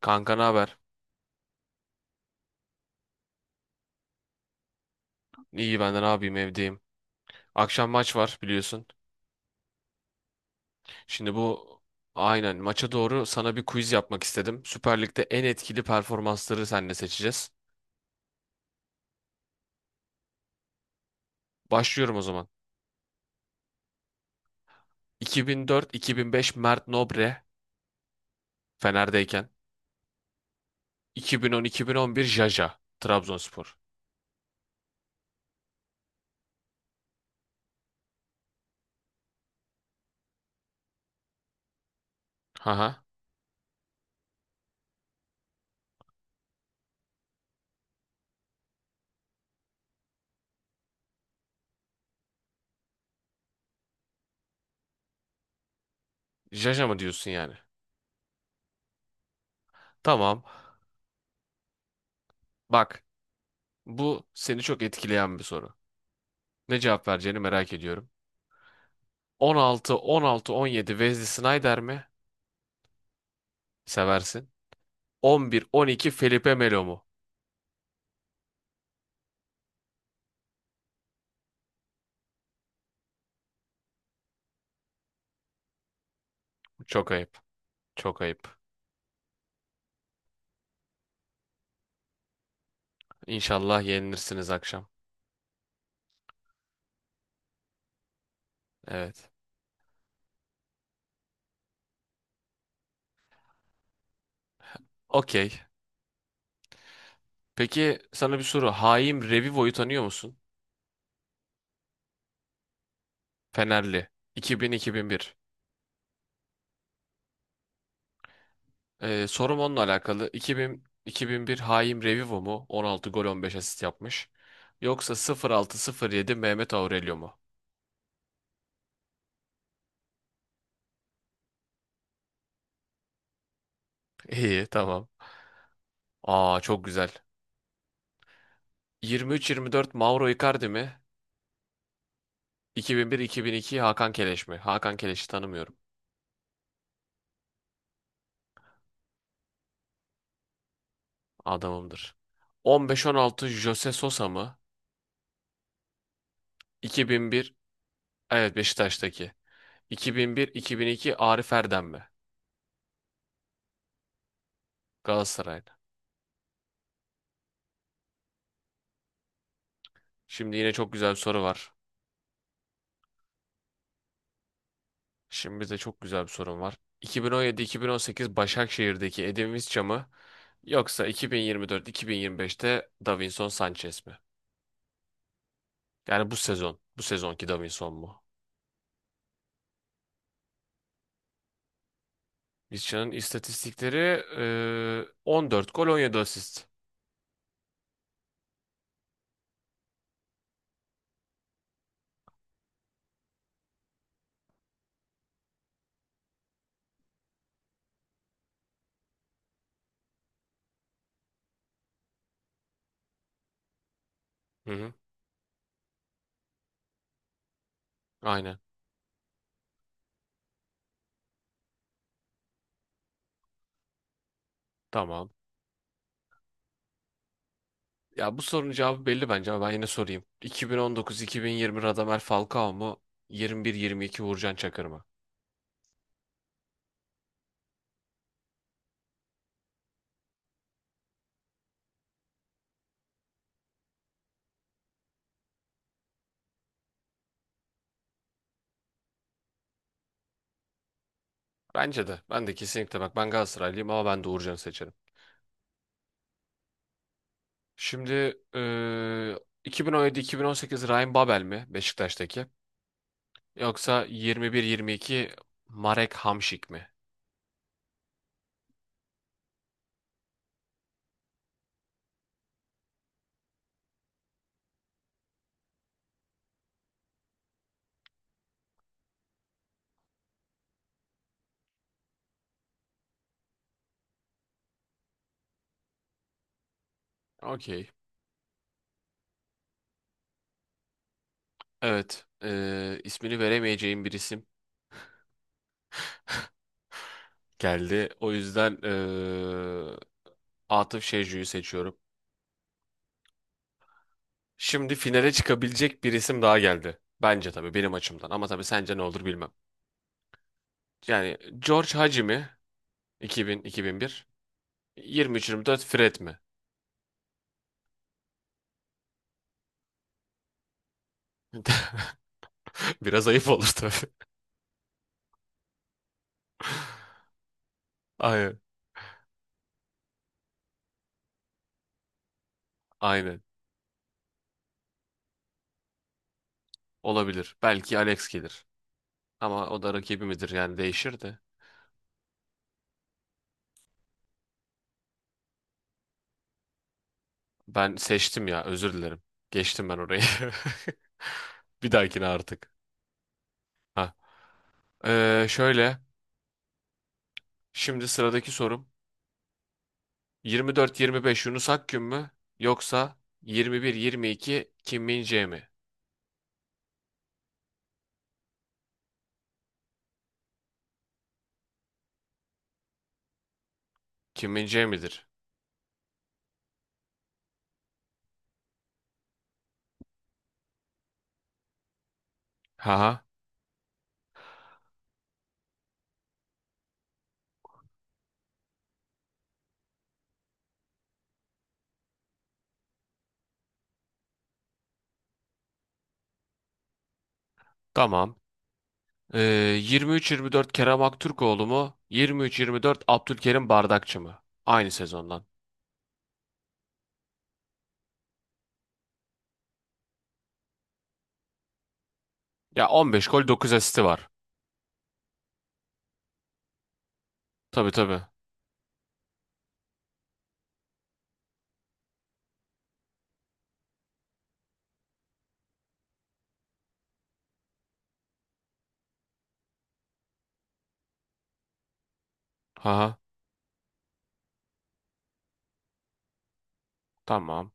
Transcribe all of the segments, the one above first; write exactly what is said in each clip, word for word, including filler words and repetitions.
Kanka ne haber? İyi ben de ne yapayım, evdeyim. Akşam maç var biliyorsun. Şimdi bu aynen maça doğru sana bir quiz yapmak istedim. Süper Lig'de en etkili performansları seninle seçeceğiz. Başlıyorum o zaman. iki bin dört-iki bin beş Mert Nobre, Fener'deyken. iki bin on-iki bin on bir Jaja, Trabzonspor. Haha. Jaja mı diyorsun yani? Tamam. Bak, bu seni çok etkileyen bir soru. Ne cevap vereceğini merak ediyorum. on altı, on altı, on yedi Wesley Sneijder mi? Seversin. On bir on iki Felipe Melo mu? Çok ayıp. Çok ayıp. İnşallah yenilirsiniz akşam. Evet. Okey. Peki, sana bir soru. Haim Revivo'yu tanıyor musun? Fenerli. iki bin-iki bin bir. Ee, sorum onunla alakalı. Bin iki bin-iki bin bir Haim Revivo mu? On altı gol on beş asist yapmış. Yoksa sıfır altı yedi Mehmet Aurelio mu? İyi, tamam. Aa, çok güzel. Yirmi üç yirmi dört Mauro Icardi mi? iki bin bir iki bin iki Hakan Keleş mi? Hakan Keleş'i tanımıyorum. Adamımdır. on beş on altı Jose Sosa mı? iki bin bir, evet, Beşiktaş'taki. iki bin bir-iki bin iki Arif Erdem mi? Galatasaray'da. Şimdi yine çok güzel bir soru var. Şimdi de çok güzel bir sorum var. iki bin on yedi-iki bin on sekiz Başakşehir'deki Edin Visca mı? Yoksa iki bin yirmi dört iki bin yirmi beşte Davinson Sanchez mi? Yani bu sezon. Bu sezonki Davinson mu? Visca'nın istatistikleri eee, on dört gol on yedi asist. Hı hı, aynen. Tamam. Ya, bu sorunun cevabı belli bence ama ben yine sorayım. iki bin on dokuz-iki bin yirmi Radamel Falcao mu? yirmi bir yirmi iki Uğurcan Çakır mı? Bence de. Ben de kesinlikle, bak, ben Galatasaraylıyım ama ben de Uğurcan'ı seçerim. Şimdi eee iki bin on yedi-iki bin on sekiz Ryan Babel mi, Beşiktaş'taki? Yoksa yirmi bir yirmi iki Marek Hamšík mi? Okey. Evet. Eee ismini veremeyeceğim bir isim geldi. O yüzden eee Atıf Şecu'yu seçiyorum. Şimdi finale çıkabilecek bir isim daha geldi. Bence, tabii, benim açımdan. Ama tabii sence ne olur bilmem. Yani George Haji mi? iki bin-iki bin bir. yirmi üç yirmi dört Fred mi? Biraz ayıp olur tabii. Aynen. Aynen. Olabilir. Belki Alex gelir. Ama o da rakibimizdir yani, değişir de. Ben seçtim ya, özür dilerim. Geçtim ben orayı. Bir dahakine artık. Ha. Ee, şöyle. Şimdi sıradaki sorum. Yirmi dört, yirmi beş. Yunus Akgün mü? Yoksa yirmi 22 Kim Min-jae mi? Kim Min-jae midir? Haha. Tamam. Ee, yirmi üç yirmi dört Kerem Aktürkoğlu mu? Yirmi üç, yirmi dört Abdülkerim Bardakçı mı? Aynı sezondan. Ya, on beş gol dokuz asisti var. Tabii tabii. Haha. Tamam.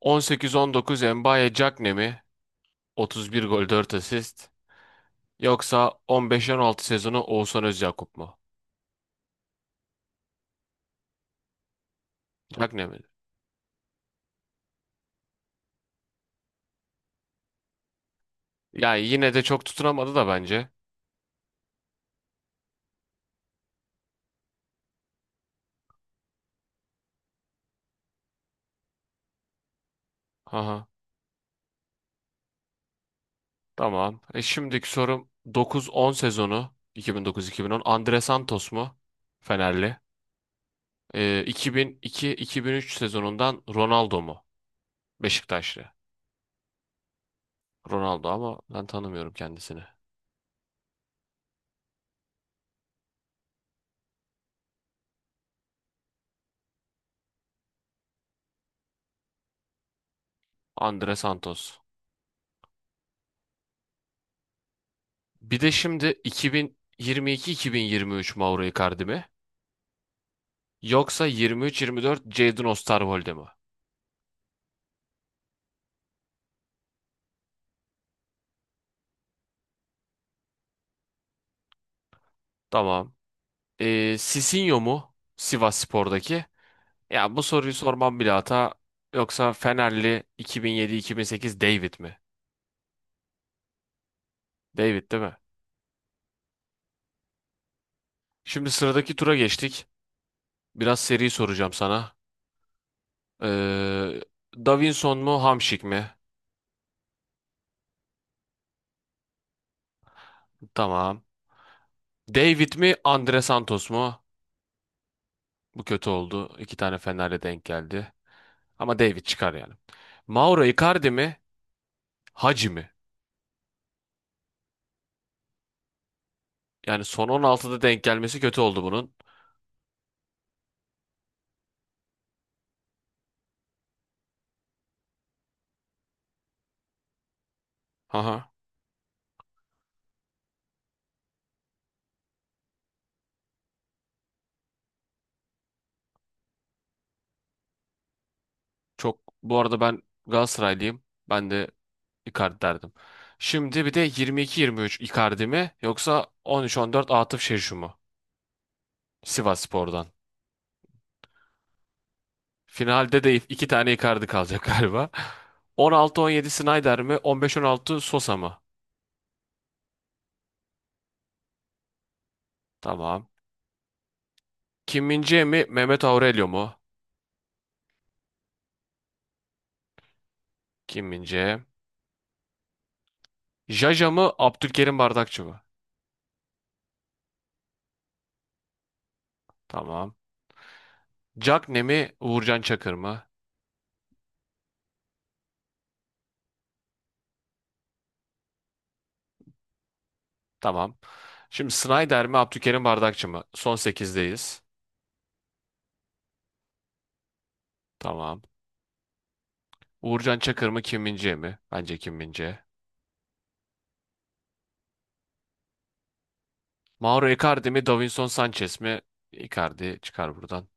on sekiz on dokuz Mbaye Diagne mi? otuz bir gol dört asist. Yoksa on beş, on altı sezonu Oğuzhan Özyakup mu? Diagne mi? Ya yine de çok tutunamadı da bence. Haha. Tamam. E şimdiki sorum dokuz on sezonu iki bin dokuz-iki bin on Andre Santos mu? Fenerli. E, iki bin iki-iki bin üç sezonundan Ronaldo mu? Beşiktaşlı. Ronaldo, ama ben tanımıyorum kendisini. Andre Santos. Bir de şimdi iki bin yirmi iki-iki bin yirmi üç Mauro Icardi mi? Yoksa yirmi üç yirmi dört Jadon Osterwolde mi? Tamam. E, Sisinho mu? Sivasspor'daki. Ya, bu soruyu sormam bile hata. Yoksa Fenerli iki bin yedi-iki bin sekiz David mi? David değil mi? Şimdi sıradaki tura geçtik. Biraz seri soracağım sana. Ee, Davinson mu, Hamşik mi? Tamam. David mi, Andre Santos mu? Bu kötü oldu. İki tane Fener'le denk geldi. Ama David çıkar yani. Mauro Icardi mi, Hacı mi? Yani son on altıda denk gelmesi kötü oldu bunun. Çok bu arada, ben Galatasaraylıyım. Ben de Icardi derdim. Şimdi bir de yirmi iki yirmi üç Icardi mi, yoksa on üç on dört Atıf Şeşu mu? Sivasspor'dan. Finalde de iki tane Icardi kalacak galiba. on altı on yedi Snyder mi? on beş on altı Sosa mı? Tamam. Kim min mi? Mehmet Aurelio mu? Kim min Jaja mı? Abdülkerim Bardakçı mı? Tamam. Cagne mi? Uğurcan Çakır mı? Tamam. Şimdi Snyder mi? Abdülkerim Bardakçı mı? Son sekizdeyiz. Tamam. Uğurcan Çakır mı, Kim Min-jae mi? Bence Kim Min-jae. Mauro Icardi mi, Davinson Sanchez mi? Icardi çıkar buradan.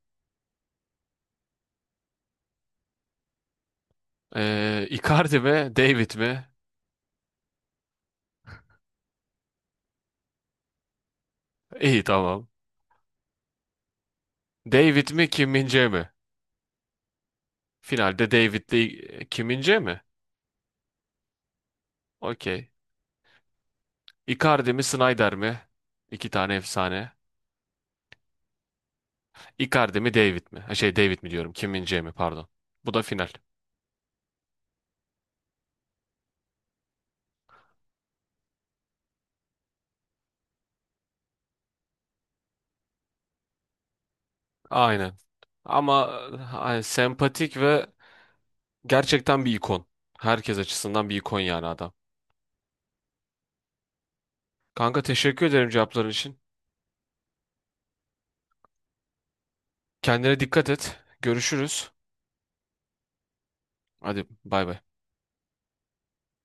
Ee, Icardi mi, David mi? İyi, tamam. David mi, Kim Min-jae mi? Finalde David'le İ- Kim Min-jae mi? Okey. Icardi mi, Snyder mi? İki tane efsane. Icardi mi, David mi? Ha, şey, David mi diyorum, Kim Min-jae mi, pardon. Bu da final. Aynen. Ama e, ay, sempatik ve gerçekten bir ikon. Herkes açısından bir ikon yani, adam. Kanka, teşekkür ederim cevapların için. Kendine dikkat et. Görüşürüz. Hadi bay bay.